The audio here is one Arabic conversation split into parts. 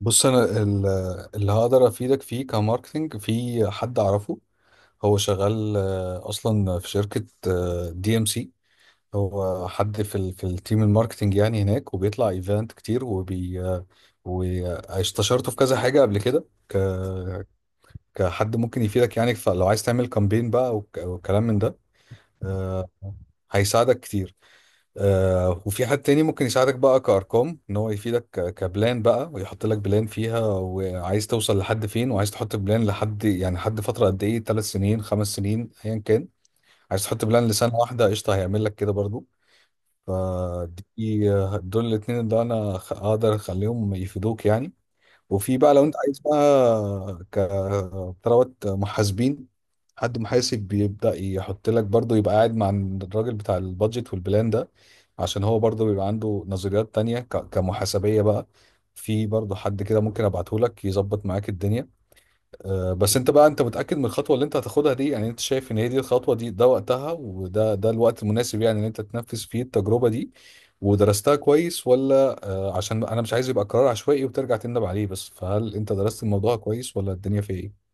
بص انا اللي هقدر افيدك فيه كماركتنج في حد اعرفه. هو شغال اصلا في شركة دي ام سي. هو حد في التيم الماركتنج يعني هناك، وبيطلع ايفنت كتير وبي آه، واستشرته في كذا حاجة قبل كده كحد ممكن يفيدك يعني. فلو عايز تعمل كامبين بقى وكلام من ده، آه، هيساعدك كتير. آه، وفي حد تاني ممكن يساعدك بقى كأرقام، ان هو يفيدك كبلان بقى، ويحط لك بلان فيها، وعايز توصل لحد فين، وعايز تحط بلان لحد يعني حد فترة قد ايه، ثلاث سنين، خمس سنين، ايا كان. عايز تحط بلان لسنة واحدة، قشطة، هيعمل لك كده برضو. فدي دول الاتنين اللي انا اقدر اخليهم يفيدوك يعني. وفي بقى لو انت عايز بقى كثروات محاسبين، حد محاسب بيبدأ يحط لك برضه، يبقى قاعد مع الراجل بتاع البادجت والبلان ده، عشان هو برضه بيبقى عنده نظريات تانية كمحاسبية بقى. في برضه حد كده ممكن ابعته لك يظبط معاك الدنيا. آه، بس انت بقى، انت متأكد من الخطوة اللي انت هتاخدها دي؟ يعني انت شايف ان هي دي الخطوة، دي ده وقتها، وده ده الوقت المناسب يعني ان انت تنفذ فيه التجربة دي ودرستها كويس ولا عشان انا مش عايز يبقى قرار عشوائي وترجع تندم عليه. بس فهل انت درست الموضوع كويس ولا الدنيا فيه ايه؟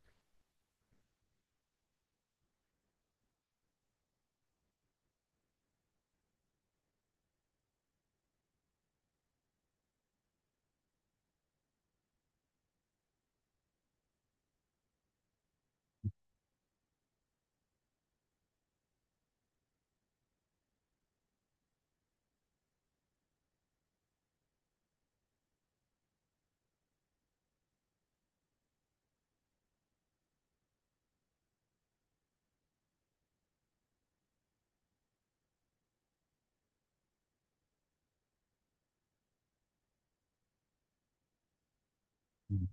مم.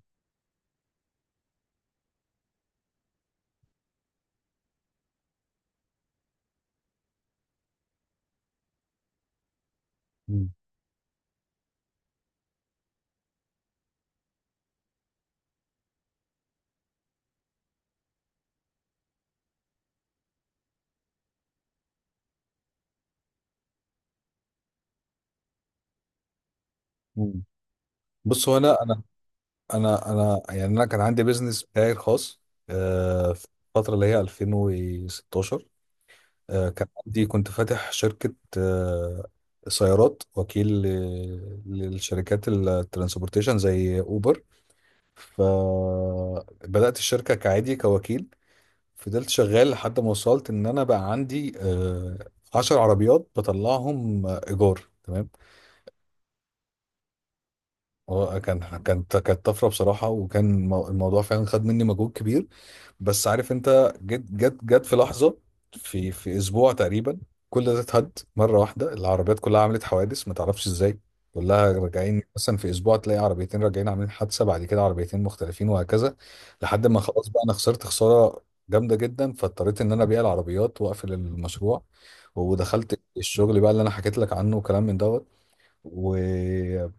مم. مم. بص هو انا يعني انا كان عندي بيزنس بتاعي الخاص، في الفترة اللي هي 2016. آه، كان عندي، كنت فاتح شركة سيارات، وكيل للشركات الترانسبورتيشن زي أوبر. فبدأت الشركة كعادي كوكيل. فضلت شغال لحد ما وصلت إن أنا بقى عندي عشر عربيات بطلعهم إيجار، تمام. هو كان، كانت طفرة بصراحة، وكان الموضوع فعلا خد مني مجهود كبير. بس عارف انت، جت في لحظه، في اسبوع تقريبا، كل ده اتهد مره واحده. العربيات كلها عملت حوادث ما تعرفش ازاي. كلها راجعين، مثلا في اسبوع تلاقي عربيتين راجعين عاملين حادثه، بعد كده عربيتين مختلفين، وهكذا. لحد ما خلاص بقى، انا خسرت خساره جامده جدا، فاضطريت ان انا ابيع العربيات واقفل المشروع. ودخلت الشغل بقى اللي انا حكيت لك عنه، وكلام من دوت. و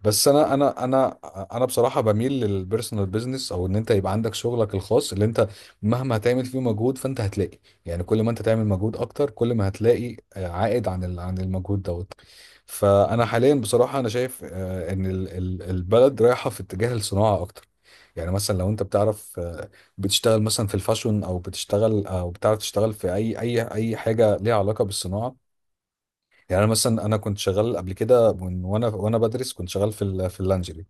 بس انا انا بصراحه بميل للبيرسونال بيزنس، او ان انت يبقى عندك شغلك الخاص، اللي انت مهما هتعمل فيه مجهود فانت هتلاقي، يعني كل ما انت تعمل مجهود اكتر كل ما هتلاقي عائد عن المجهود دوت. فانا حاليا بصراحه انا شايف آه، ان البلد رايحه في اتجاه الصناعه اكتر. يعني مثلا لو انت بتعرف، بتشتغل مثلا في الفاشون، او بتشتغل او بتعرف تشتغل في اي حاجه ليها علاقه بالصناعه. يعني أنا مثلا، أنا كنت شغال قبل كده، وأنا بدرس كنت شغال في اللانجري.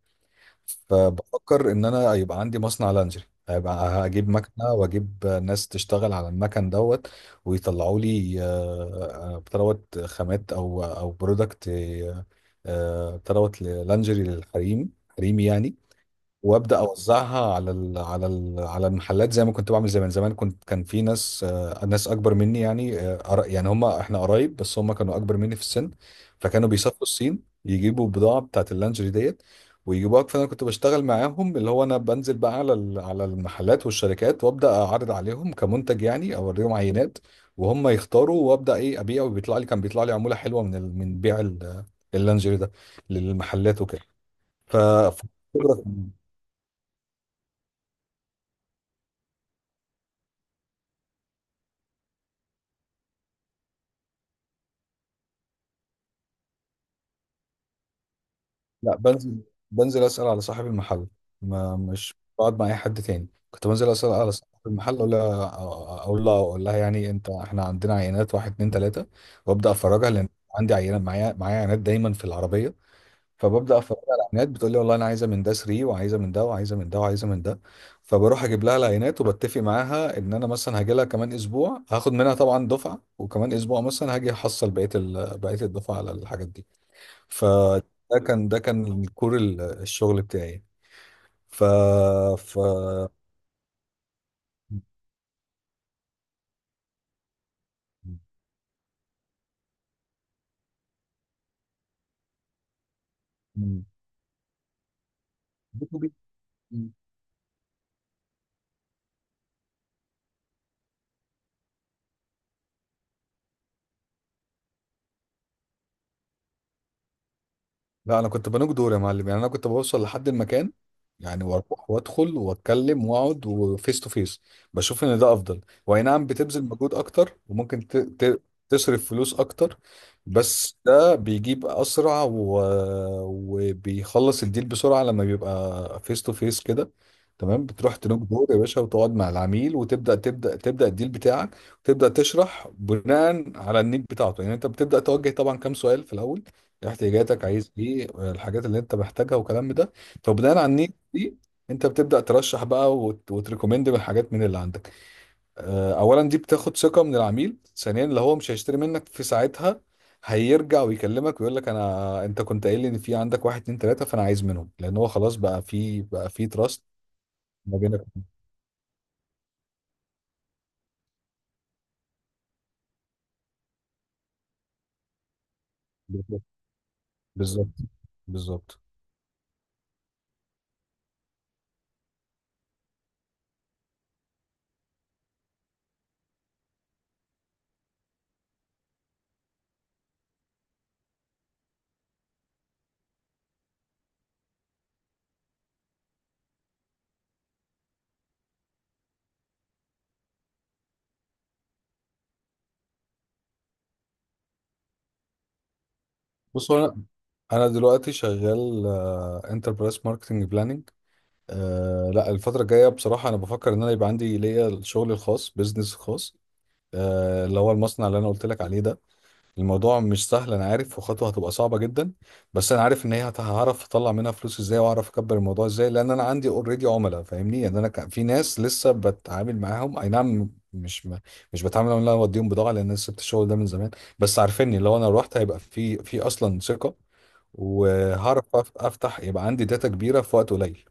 فبفكر إن أنا هيبقى عندي مصنع لانجري، هيبقى، هجيب مكنة وأجيب ناس تشتغل على المكن دوت. ويطلعوا لي بتاع دوت، خامات أو برودكت، بتاع دوت، لانجري للحريم، حريمي يعني. وابدا اوزعها على المحلات، زي ما كنت بعمل زمان. زمان كنت، كان في ناس ناس اكبر مني يعني، آه، يعني هم احنا قرايب، بس هم كانوا اكبر مني في السن. فكانوا بيسافروا الصين يجيبوا البضاعه بتاعت اللانجري ديت ويجيبوها. فانا كنت بشتغل معاهم، اللي هو انا بنزل بقى على المحلات والشركات، وابدا اعرض عليهم كمنتج، يعني اوريهم عينات، وهم يختاروا، وابدا ايه، ابيع. وبيطلع لي، كان بيطلع لي عموله حلوه من بيع اللانجري ده للمحلات وكده. ف لا، بنزل، بنزل اسال على صاحب المحل. ما مش بقعد مع اي حد تاني، كنت بنزل اسال على صاحب المحل، اقول لها يعني، انت، احنا عندنا عينات، واحد اتنين تلاته، وابدا افرجها. لان عندي عينه معايا، معايا عينات دايما في العربيه. فببدا افرجها على العينات، بتقول لي والله انا عايزه من ده 3، وعايزه من ده، وعايزه من ده، وعايزه من ده. فبروح اجيب لها العينات، وبتفق معاها ان انا مثلا هاجي لها كمان اسبوع هاخد منها طبعا دفعه، وكمان اسبوع مثلا هاجي احصل بقيه الدفعه على الحاجات دي. فده كان، ده كان الكور، الشغل بتاعي. ف ف مم. لا، انا كنت بنوك دور يا معلم، يعني انا كنت بوصل لحد المكان، يعني واروح وادخل واتكلم واقعد، وفيس تو فيس. بشوف ان ده افضل. واي نعم، بتبذل مجهود اكتر، وممكن تصرف فلوس اكتر، بس ده بيجيب اسرع وبيخلص الديل بسرعه لما بيبقى فيس تو فيس كده، تمام. بتروح تنوك دور يا باشا، وتقعد مع العميل، وتبدا تبدا تبدا الديل بتاعك. وتبدا تشرح بناء على النيد بتاعته، يعني انت بتبدا توجه طبعا كام سؤال في الاول. احتياجاتك، عايز ايه، الحاجات اللي انت محتاجها، والكلام ده. فبناء على النيد دي، انت بتبدا ترشح بقى وتريكومند من حاجات من اللي عندك. آه، اولا دي بتاخد ثقه من العميل، ثانيا، اللي هو مش هيشتري منك في ساعتها، هيرجع ويكلمك ويقول لك انا، انت كنت قايل لي ان في عندك واحد اتنين تلاته، فانا عايز منهم، لان هو خلاص بقى في، بقى في تراست ما بينك. بالظبط، بالظبط. بص، هو انا دلوقتي شغال انتربرايز ماركتنج بلاننج. أه لا، الفترة الجاية بصراحة أنا بفكر إن أنا يبقى عندي ليا الشغل الخاص، بيزنس خاص، أه اللي هو المصنع اللي أنا قلت لك عليه ده. الموضوع مش سهل أنا عارف، وخطوة هتبقى صعبة جدا. بس أنا عارف إن هي هعرف أطلع منها فلوس إزاي، وأعرف أكبر الموضوع إزاي، لأن أنا عندي أوريدي عملاء فاهمني. يعني أنا كان في ناس لسه بتعامل معاهم، أي نعم، مش بتعامل معاهم إن أنا أوديهم بضاعة لأن أنا سبت الشغل ده من زمان. بس عارفيني لو أنا روحت هيبقى في، أصلا ثقة. وهعرف أفتح، يبقى عندي داتا كبيرة في وقت قليل.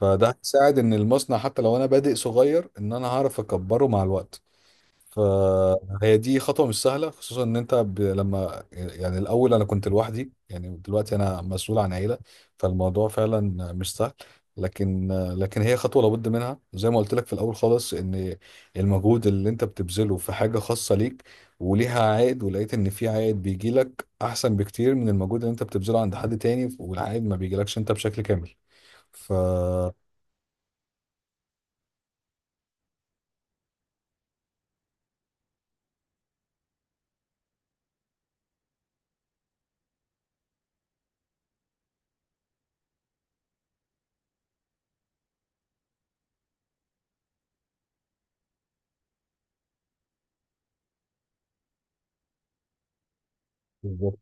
فده هيساعد ان المصنع حتى لو انا بادئ صغير، ان انا هعرف اكبره مع الوقت. فهي دي خطوة مش سهلة، خصوصا ان انت لما، يعني الاول انا كنت لوحدي، يعني دلوقتي انا مسؤول عن عيلة. فالموضوع فعلا مش سهل. لكن، لكن هي خطوة لابد منها، زي ما قلت لك في الاول خالص، ان المجهود اللي انت بتبذله في حاجة خاصة ليك وليها عائد، ولقيت ان في عائد بيجي لك احسن بكتير من المجهود اللي انت بتبذله عند حد تاني، والعائد ما بيجيلكش انت بشكل كامل. ف بالظبط،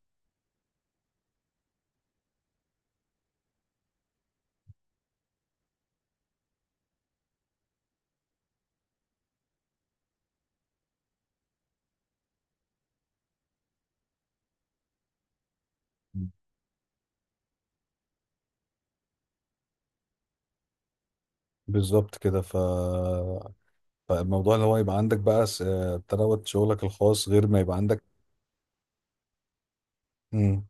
بالظبط كده. فالموضوع اللي هو يبقى عندك بقى آه، تروت شغلك الخاص غير ما يبقى عندك. امم،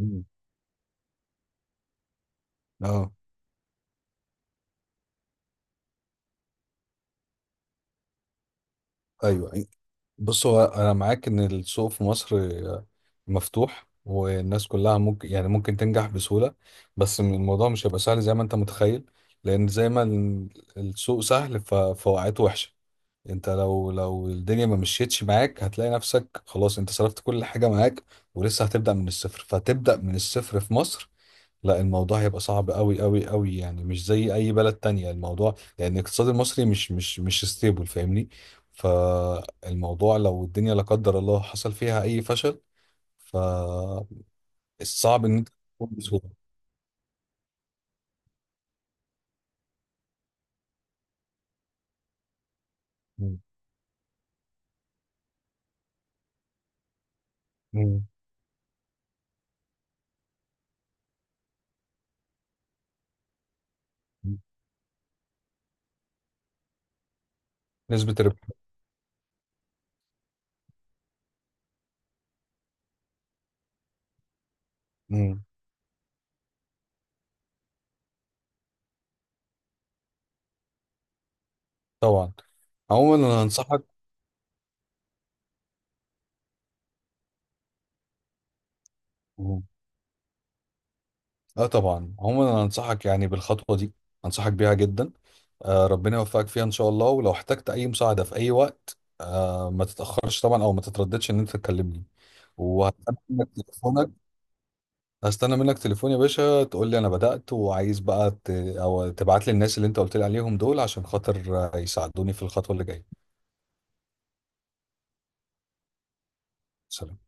امم، اه، ايوه. بص هو انا معاك ان السوق في مصر آه، مفتوح والناس كلها ممكن، يعني ممكن تنجح بسهولة، بس الموضوع مش هيبقى سهل زي ما انت متخيل. لان زي ما السوق سهل، فوقعته وحشة. انت لو الدنيا ما مشيتش معاك، هتلاقي نفسك خلاص انت صرفت كل حاجة معاك، ولسه هتبدأ من الصفر. فتبدأ من الصفر في مصر، لا، الموضوع هيبقى صعب قوي يعني، مش زي اي بلد تانية الموضوع، لان الاقتصاد المصري مش ستيبل فاهمني. فالموضوع لو الدنيا، لا قدر الله، حصل فيها اي فشل، فالصعب ان انت تقوم بسهولة. مم. مم. نسبة الربح. مم. طبعا. عموما انا هنصحك. اه طبعا، عموما انا انصحك يعني بالخطوه دي، انصحك بيها جدا. آه ربنا يوفقك فيها ان شاء الله، ولو احتجت اي مساعده في اي وقت آه، ما تتاخرش طبعا، او ما تترددش ان انت تكلمني. وهستنى منك تليفونك، هستنى منك تليفون يا باشا، تقول لي انا بدات وعايز بقى او تبعت لي الناس اللي انت قلت لي عليهم دول، عشان خاطر آه، يساعدوني في الخطوه اللي جايه. سلام.